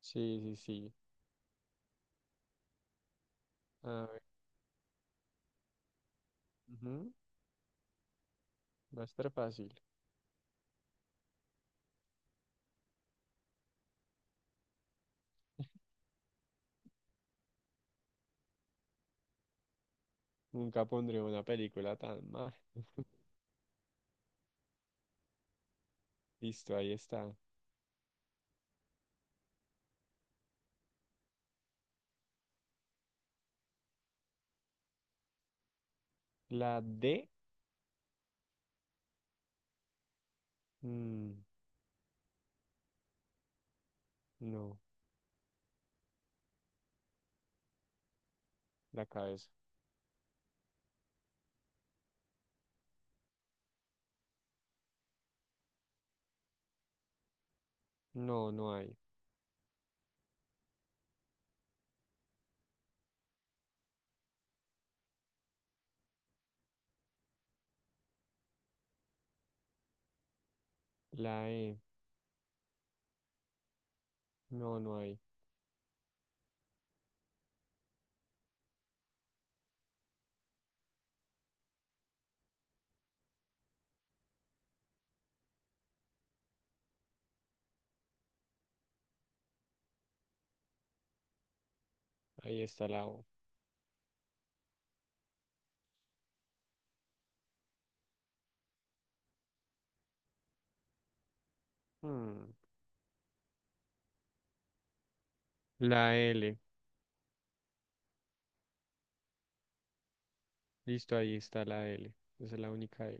Sí, sí, sí. A ver, ujú, va a estar fácil. Nunca pondré una película tan mal. Listo, ahí está. La D. Mm, no, la cabeza. No, no hay. La E. No, no hay. Ahí está la O. Mm, la L. Listo, ahí está la L. Esa es la única L.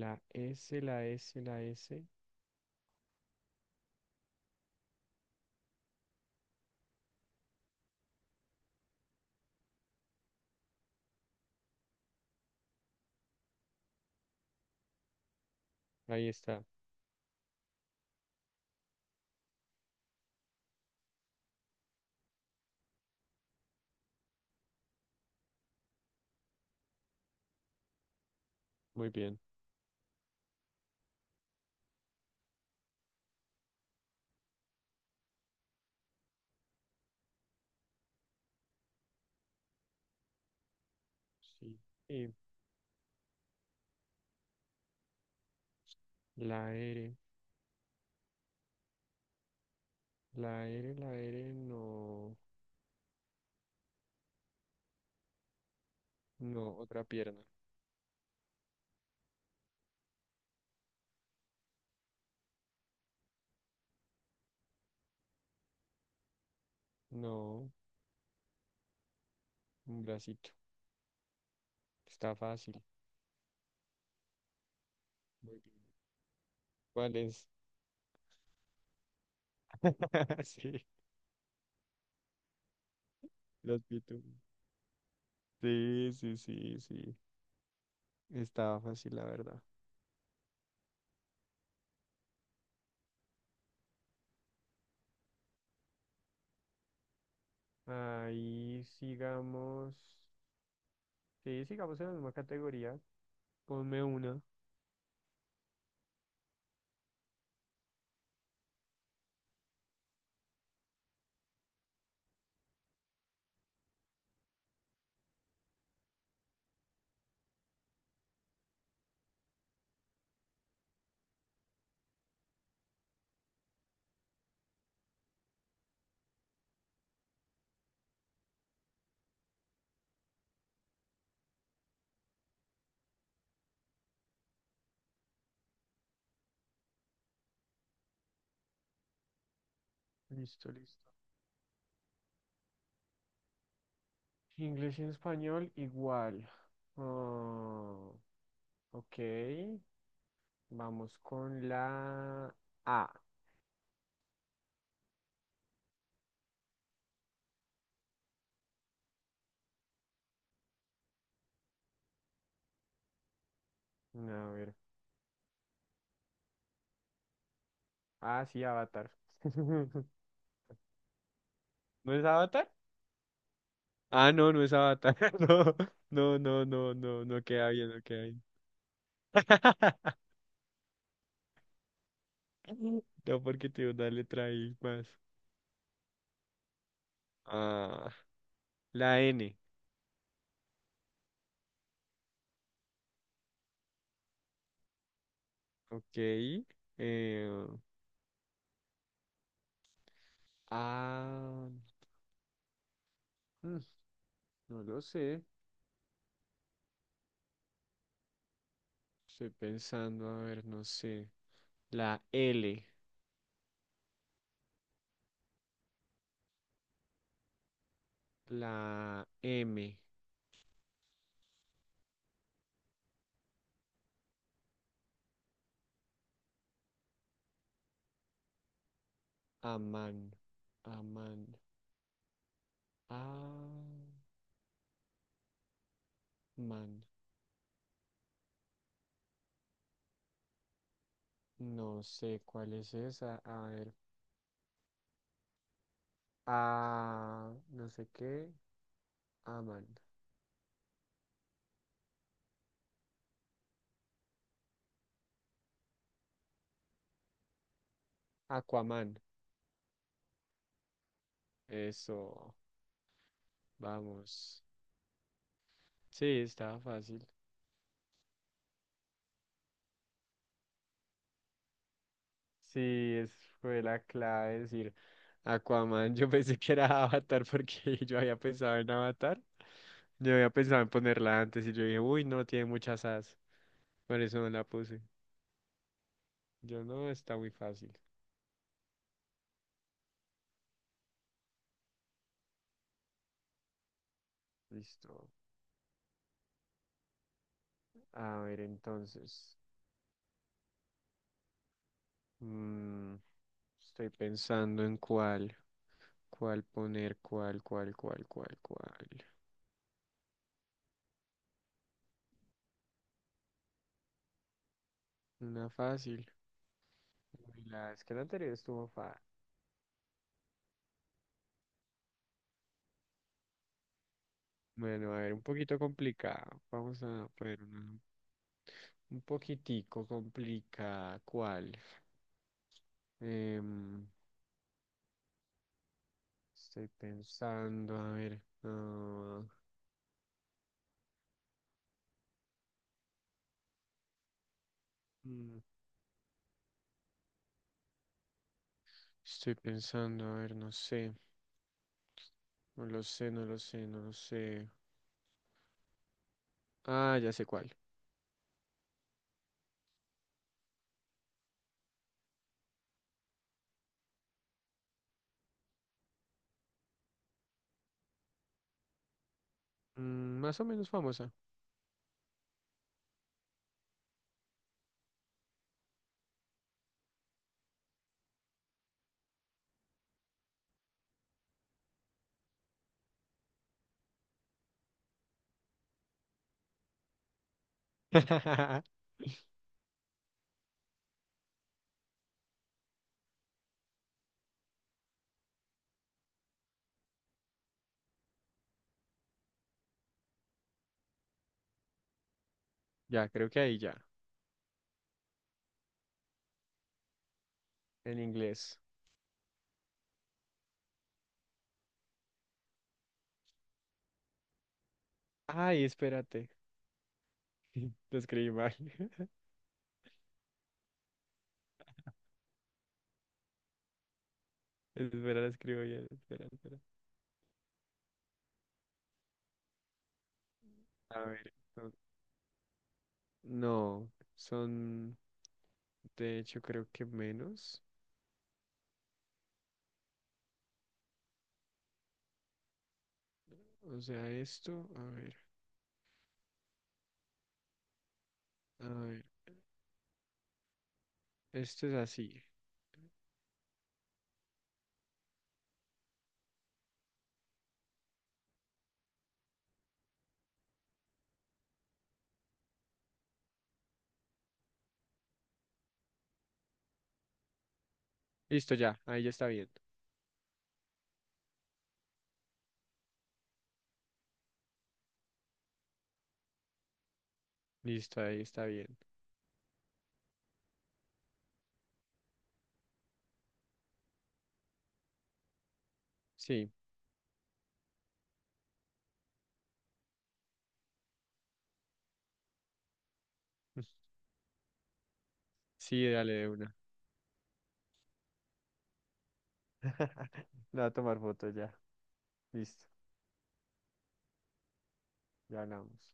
La S, la S, la S. Ahí está. Muy bien. Sí. Y la R. La R, la R, no. No, otra pierna. No. Un bracito. Está fácil. Muy bien. ¿Cuál es? Sí, los pitufos. Sí, sí, sí, sí. Estaba fácil, la verdad. Ahí sigamos. Sí, sigamos en la misma categoría. Ponme una. Listo, listo. Inglés y español igual. Ah, ok. Vamos con la A. A ver. Ah, sí, Avatar. ¿No es Avatar? Ah, no, no es Avatar. No, no, no, no, no, no queda bien, no queda bien. No, porque tiene una letra ahí más. Ah, la N. Ok. Ah, mm, no lo sé. Estoy pensando, a ver, no sé. La L. La M. Aman. Aman. Aman. No sé cuál es esa. A ver. Ah, no sé qué. Aman. Aquaman. Eso. Vamos. Sí, estaba fácil. Sí, es, fue la clave decir Aquaman. Yo pensé que era Avatar porque yo había pensado en Avatar. Yo había pensado en ponerla antes y yo dije, uy, no, tiene muchas as. Por eso no la puse. Yo no, está muy fácil. Listo. A ver, entonces. mm, Estoy pensando en cuál. ¿Cuál poner? ¿Cuál, cuál, cuál, cuál, cuál? Una fácil. Uy, la vez que la anterior estuvo fa. Bueno, a ver, un poquito complicado. Vamos a poner una un poquitico complicada. ¿Cuál? Em, Estoy pensando, a ver. Mm, Estoy pensando, a ver, no sé. No lo sé, no lo sé, no lo sé. Ah, ya sé cuál. Mm, más o menos famosa. Ya, creo que ahí ya. En inglés. Ay, espérate. Lo escribí mal. Espera, lo escribo bien. Espera, espera. A ver. No, son de hecho creo que menos. O sea, esto, a ver, esto es así. Listo, ya, ahí ya está bien. Listo, ahí está bien. Sí, sí, dale de una. Le voy a tomar foto ya. Listo, ya hablamos.